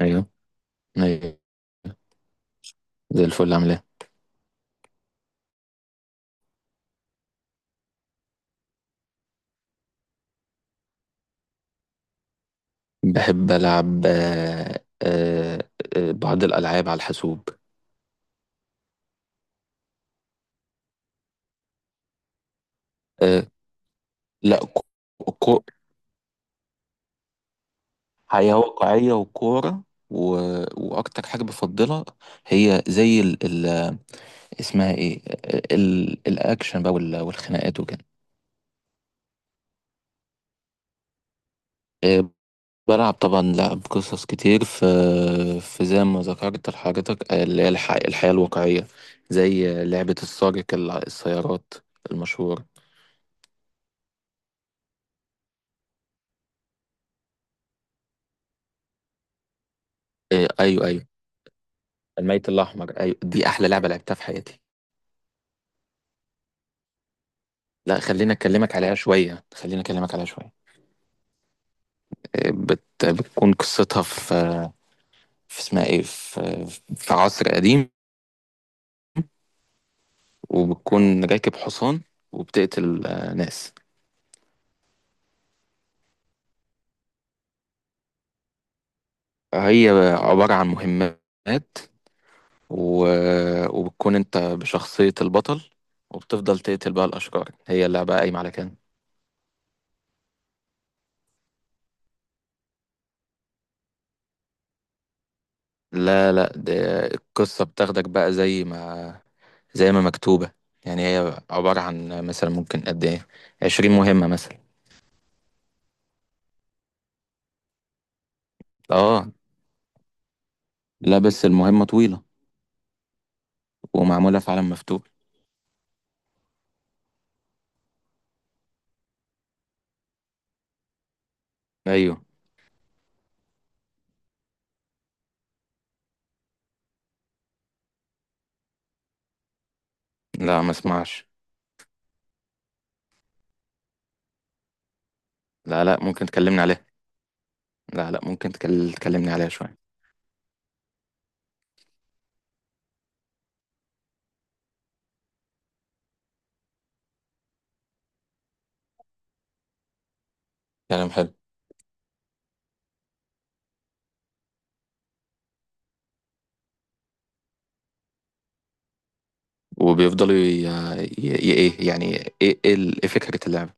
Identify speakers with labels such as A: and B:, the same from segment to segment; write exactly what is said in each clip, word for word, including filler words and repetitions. A: ايوه ايوه زي الفل، عامل ايه؟ بحب العب آه، آه، آه، بعض الالعاب على الحاسوب. آه، لا كو كو- حياة واقعية وكورة و... واكتر حاجة بفضلها هي زي ال... ال... اسمها ايه ال... الاكشن بقى وال... والخناقات وكده. آه، بلعب طبعا لعب قصص كتير في في زي ما ذكرت لحضرتك، آه، اللي هي الح... الحياة الواقعية، زي لعبة السارق الع- السيارات المشهورة. إيه، ايوه، ايوه. الميت الاحمر، ايوه، دي احلى لعبه لعبتها في حياتي. لا، خليني اكلمك عليها شويه، خليني اكلمك عليها شويه. إيه، بت... بتكون قصتها في في اسمها ايه، في في عصر قديم. وبتكون راكب حصان، وبتقتل آه، ناس. هي عباره عن مهمات و... وبتكون انت بشخصيه البطل، وبتفضل تقتل بقى الاشرار. هي اللعبه قايمه على كده. لا لا ده القصة بتاخدك بقى زي ما زي ما مكتوبة. يعني هي عبارة عن مثلا ممكن قد ايه، عشرين مهمة مثلا. اه. لا بس المهمة طويلة. ومعمولة في عالم مفتوح. ايوه. لا، ما اسمعش. لا لا ممكن تكلمني عليها. لا لا ممكن تكل- تكلمني عليها شوية. كلام حلو. وبيفضلوا ي... ي... ي... ايه يعني. ايه ايه ال- إيه فكرة اللعبة؟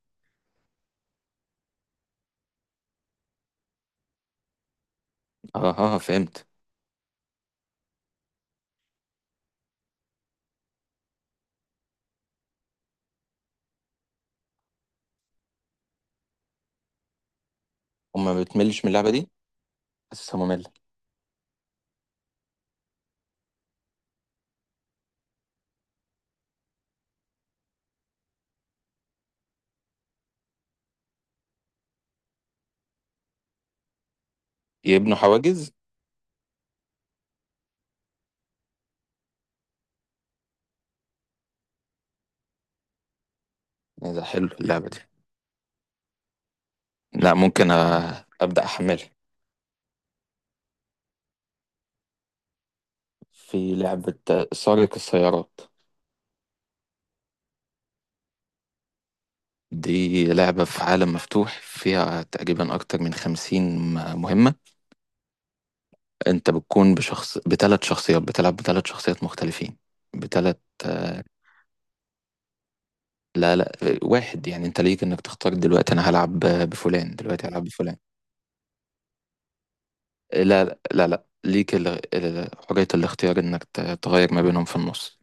A: اه، اه، فهمت. هما ما بتملش من اللعبة دي؟ حاسسها مملة. يبنوا حواجز. إيه ده، حلو اللعبة دي. لا، ممكن أ- أبدأ أحملها. في لعبة سارق السيارات. دي لعبة في عالم مفتوح فيها تقريبا أكتر من خمسين م- مهمة. أنت بتكون بشخص، بتلات شخصيات. بتلعب بتلات شخصيات مختلفين بتلات آه، لا لا واحد يعني، أنت ليك إنك تختار، دلوقتي أنا هلعب بفلان دلوقتي هلعب بفلان. لا لا لا, لا. ليك ال- ال- حرية الاختيار إنك ت- تغير ما بينهم في النص.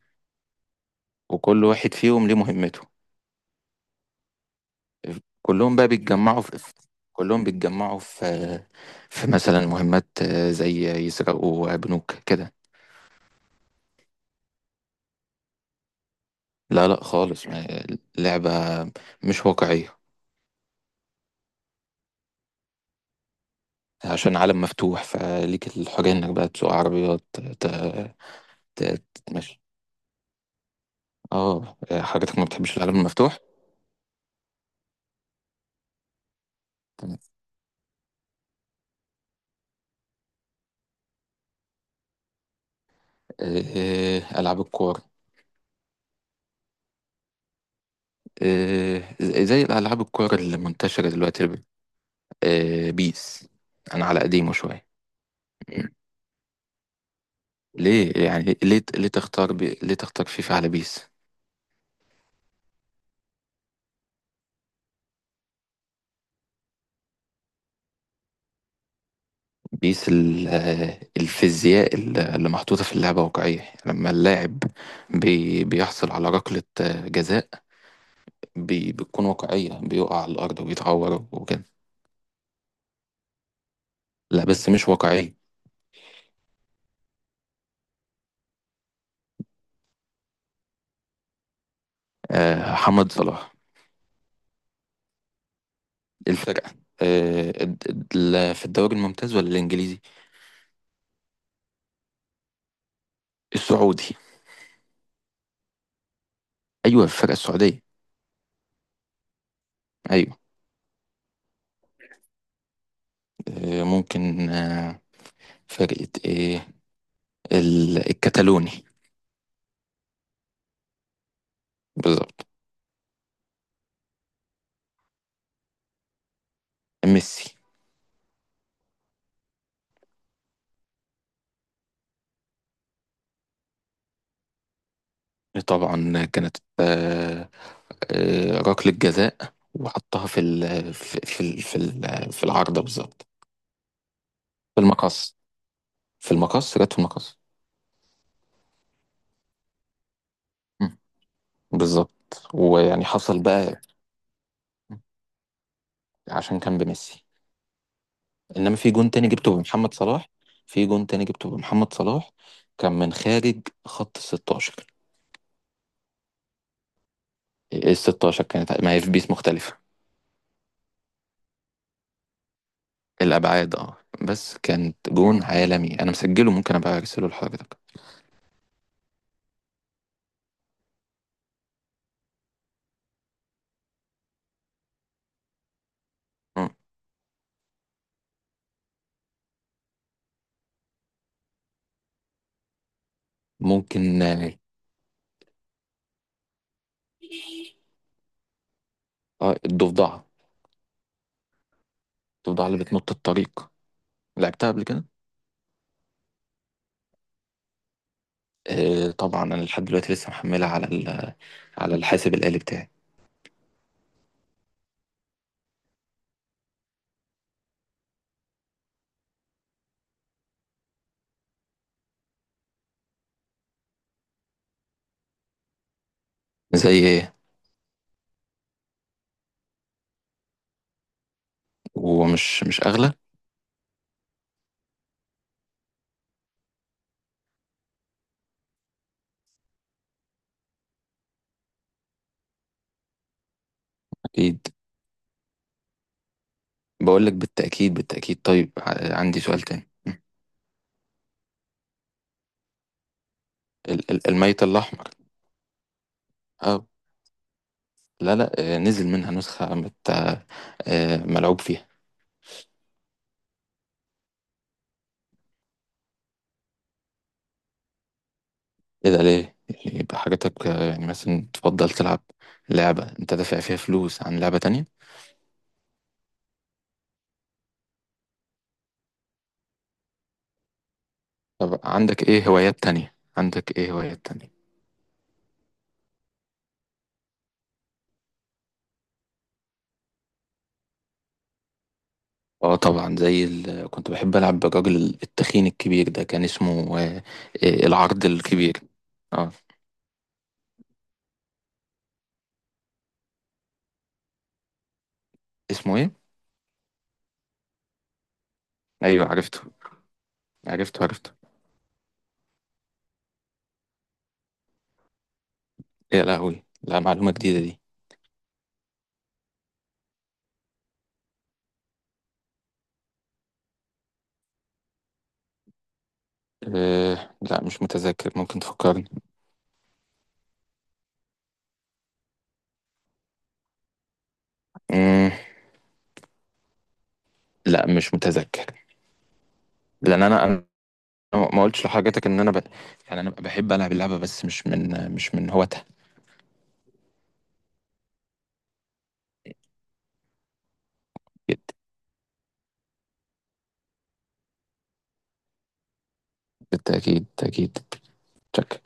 A: وكل واحد فيهم ليه مهمته. كلهم بقى بيتجمعوا في في- كلهم بيتجمعوا في في مثلا مهمات آه، زي يسرقوا بنوك كده. لا لا خالص ما- اللعبة مش واقعية. عشان عالم مفتوح فليك الحرية انك بقى تسوق عربيات ت- ت- تتمشى. اه، حضرتك ما بتحبش العالم المفتوح؟ تمام. آه، ألعاب الكور. آه، زي الألعاب الكور المنتشرة دلوقتي. آه، بيس. أنا على قديمه شوية. ليه يعني؟ ليه ليه تختار بي... ليه تختار فيفا على بيس؟ بيس ال... آه، الفيزياء ال- اللي محطوطة في اللعبة واقعية، لما اللاعب بي... بيحصل على ركلة آه، جزاء بي... بتكون واقعية، بيقع على الأرض وبيتعور وكده. لا بس مش واقعية. آه، محمد صلاح. الفرقة. آه، الد- ال- في الدوري الممتاز ولا الإنجليزي؟ السعودي. أيوة، الفرقة السعودية. أيوة. آه، ممكن. آه، فرقة إيه؟ ال- الكتالوني. بالظبط. ميسي. طبعا كانت آه، آه، ركلة جزاء، وحطها في ال في في ال في, ال في العارضة بالظبط. في المقص. في المقص، جت في المقص. مم. بالظبط، ويعني حصل بقى. عشان كان بميسي. انما في جون تاني جبته بمحمد صلاح. في جون تاني جبته بمحمد صلاح. كان من خارج خط ال ستاشر. ال ستاشر كانت، ما هي في بيس مختلفة. الابعاد، اه. بس كانت جون عالمي، انا مسجله ممكن ابقى ارسله لحضرتك. ممكن، آه. آه، الضفدعة. الضفدعة اللي بتنط الطريق. لعبتها قبل كده. آه طبعا، أنا لحد دلوقتي لسه محملها على ال- على الحاسب الآلي بتاعي. زي إيه؟ ومش مش أغلى؟ أكيد. بقول لك بالتأكيد، بالتأكيد. طيب ع- عندي سؤال تاني. ال- ال- الميت الأحمر. أه. لا لا آه، نزل منها نسخة مت آه، آه، ملعوب فيها. إيه ده ليه؟ يعني يبقى حاجتك آه، يعني مثلا تفضل تلعب لعبة أنت دافع فيها فلوس عن لعبة تانية؟ طب عندك ايه هوايات تانية؟ عندك ايه هوايات تانية؟ اه طبعا، زي ال... كنت بحب العب بالراجل التخين الكبير ده، كان اسمه آه، آه، العرض الكبير. اه. اسمه ايه؟ ايوه، عرفته. عرفته، عرفته. يا لهوي! لا، معلومة جديدة دي. أه لا، مش متذكر، ممكن تفكرني. مم. لا، مش متذكر. لان انا، انا ما قلتش لحضرتك ان انا ب... يعني انا بحب العب اللعبة بس مش من مش من هواتها. جدا. بالتأكيد، بالتأكيد. شكرا.